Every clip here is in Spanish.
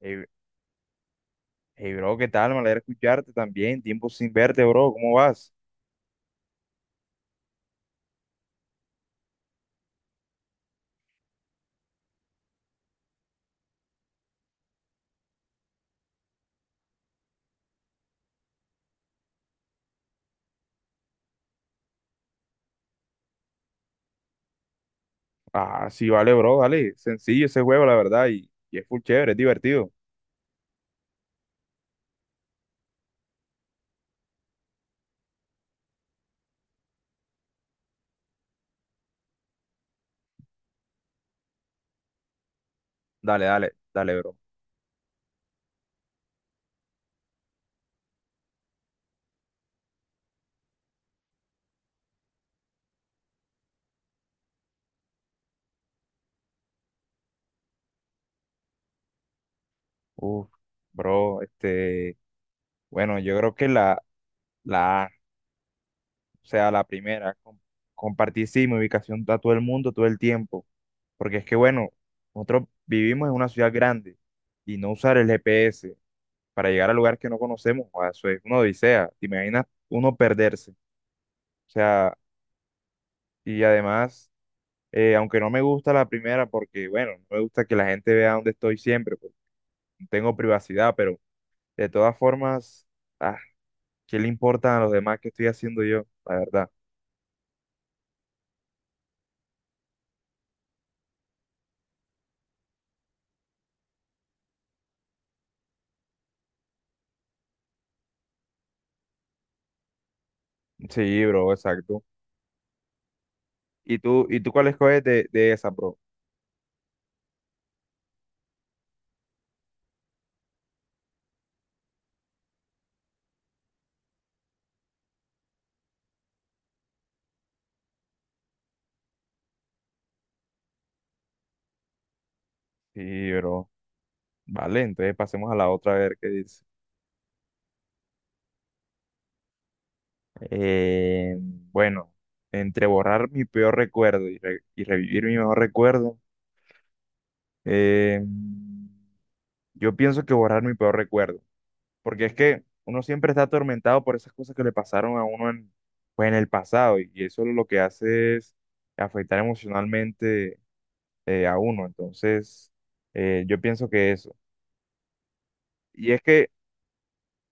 Hey, hey, bro, ¿qué tal? Me alegra escucharte también. Tiempo sin verte, bro. ¿Cómo vas? Ah, sí, vale, bro. Dale. Sencillo ese juego, la verdad. Y es full chévere, es divertido. Dale, dale, dale, bro. Uf, bro, Bueno, yo creo que la A, o sea, la primera, compartir sí mi ubicación a todo el mundo todo el tiempo. Porque es que, bueno, nosotros vivimos en una ciudad grande y no usar el GPS para llegar a lugares que no conocemos, joda, eso es una odisea. ¿Te imaginas uno perderse? O sea. Y además, aunque no me gusta la primera, porque bueno, no me gusta que la gente vea dónde estoy siempre, porque no tengo privacidad, pero de todas formas, ah, ¿qué le importa a los demás qué estoy haciendo yo? La verdad. Sí, bro, exacto. Y tú cuál escoges de esa, bro? Sí, bro. Vale, entonces pasemos a la otra a ver qué dice. Bueno, entre borrar mi peor recuerdo y revivir mi mejor recuerdo, eh, yo pienso que borrar mi peor recuerdo, porque es que uno siempre está atormentado por esas cosas que le pasaron a uno en, pues en el pasado y eso lo que hace es afectar emocionalmente a uno. Entonces, yo pienso que eso. Y es que,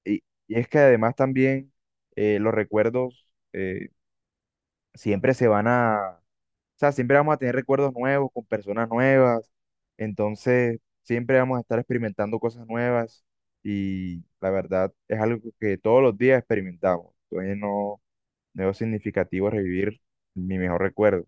y es que además también los recuerdos siempre se van a, o sea, siempre vamos a tener recuerdos nuevos con personas nuevas. Entonces, siempre vamos a estar experimentando cosas nuevas y la verdad es algo que todos los días experimentamos. Entonces, no Debo significativo revivir mi mejor recuerdo.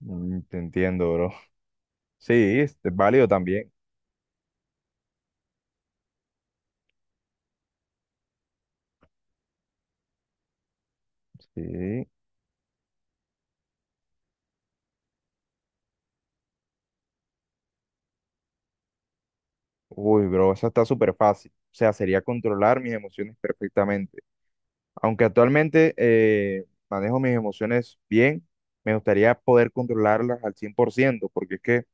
Mm, te entiendo, bro. Sí, es válido también. Sí. Uy, bro, eso está súper fácil. O sea, sería controlar mis emociones perfectamente. Aunque actualmente manejo mis emociones bien, me gustaría poder controlarlas al 100% porque es que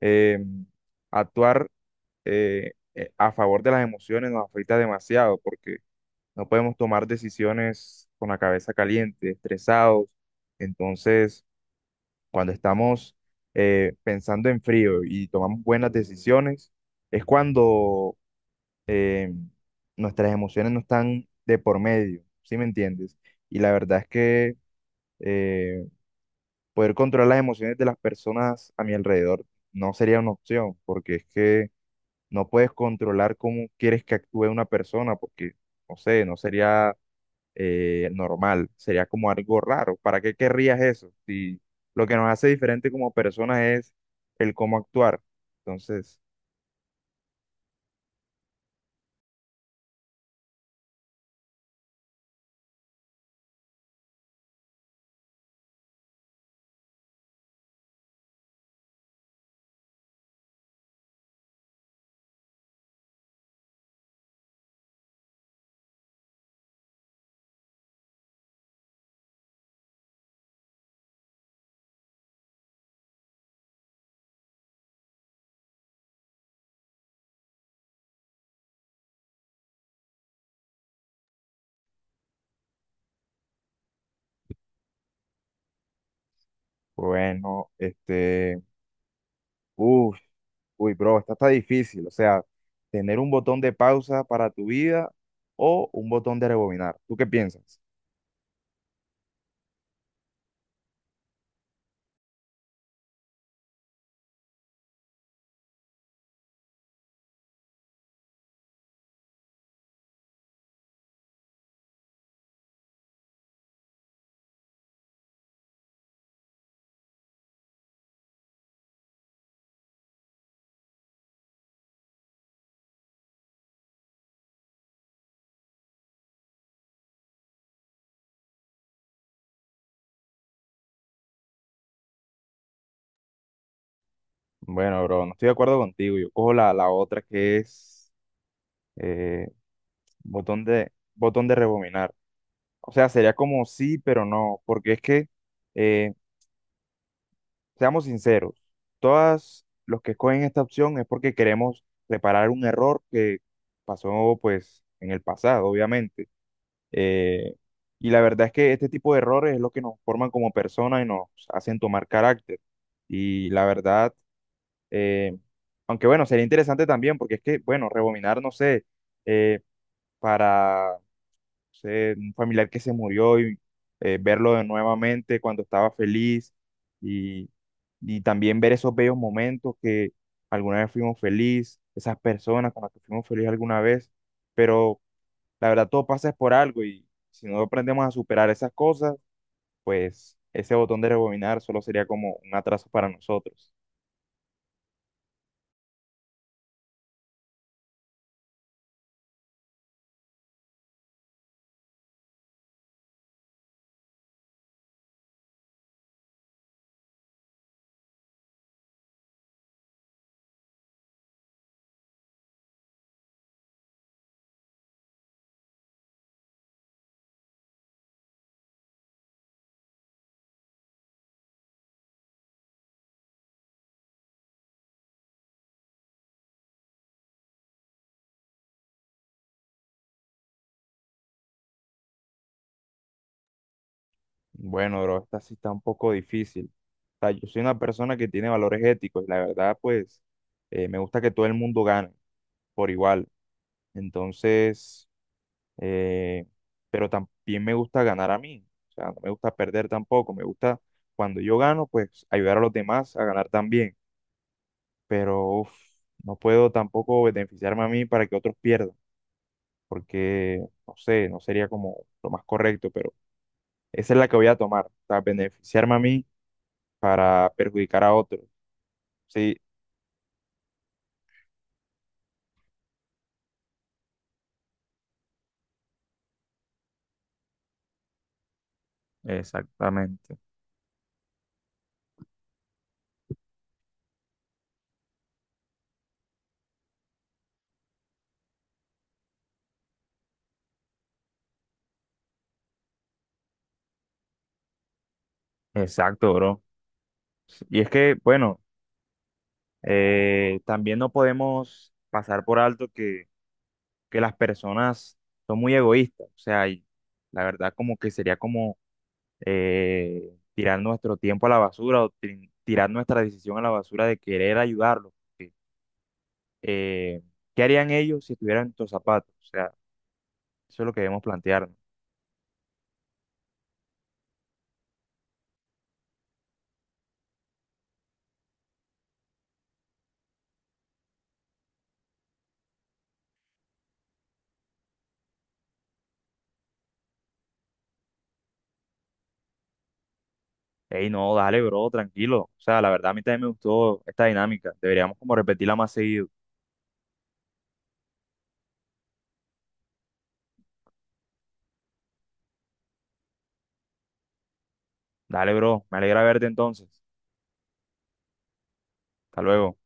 eh, actuar a favor de las emociones nos afecta demasiado, porque no podemos tomar decisiones con la cabeza caliente, estresados. Entonces cuando estamos pensando en frío y tomamos buenas decisiones, es cuando eh, nuestras emociones no están de por medio, ¿sí me entiendes? Y la verdad es que eh, poder controlar las emociones de las personas a mi alrededor no sería una opción, porque es que no puedes controlar cómo quieres que actúe una persona, porque, no sé, no sería normal, sería como algo raro. ¿Para qué querrías eso? Si lo que nos hace diferente como personas es el cómo actuar. Entonces, bueno, uff, uy, bro, esta está difícil. O sea, tener un botón de pausa para tu vida o un botón de rebobinar. ¿Tú qué piensas? Bueno, bro, no estoy de acuerdo contigo. Yo cojo la otra que es eh, botón de rebobinar. O sea, sería como sí, pero no, porque es que em, seamos sinceros, todas los que escogen esta opción es porque queremos reparar un error que pasó pues en el pasado, obviamente. Eh, y la verdad es que este tipo de errores es lo que nos forman como personas y nos hacen tomar carácter. Y la verdad, eh, aunque bueno, sería interesante también porque es que, bueno, rebobinar, no sé, eh, para sé, un familiar que se murió y verlo de nuevamente cuando estaba feliz y, y también ver esos bellos momentos que alguna vez fuimos feliz, esas personas con las que fuimos feliz alguna vez, pero la verdad todo pasa es por algo y si no aprendemos a superar esas cosas, pues ese botón de rebobinar solo sería como un atraso para nosotros. Bueno, bro, esta sí está un poco difícil. O sea, yo soy una persona que tiene valores éticos y la verdad, pues, me gusta que todo el mundo gane por igual. Entonces, eh, pero también me gusta ganar a mí. O sea, no me gusta perder tampoco. Me gusta cuando yo gano, pues ayudar a los demás a ganar también. Pero uf, no puedo tampoco beneficiarme a mí para que otros pierdan, porque no sé, no sería como lo más correcto, pero esa es la que voy a tomar. O sea, beneficiarme a mí para perjudicar a otros. Sí, exactamente. Exacto, bro. Y es que, bueno. También no podemos pasar por alto que las personas son muy egoístas, o sea, y la verdad como que sería como tirar nuestro tiempo a la basura o tirar nuestra decisión a la basura de querer ayudarlos, porque, eh, ¿qué harían ellos si estuvieran en tus zapatos? O sea, eso es lo que debemos plantearnos. Ey, no, dale, bro, tranquilo. O sea, la verdad a mí también me gustó esta dinámica. Deberíamos como repetirla más seguido. Dale, bro, me alegra verte entonces. Hasta luego.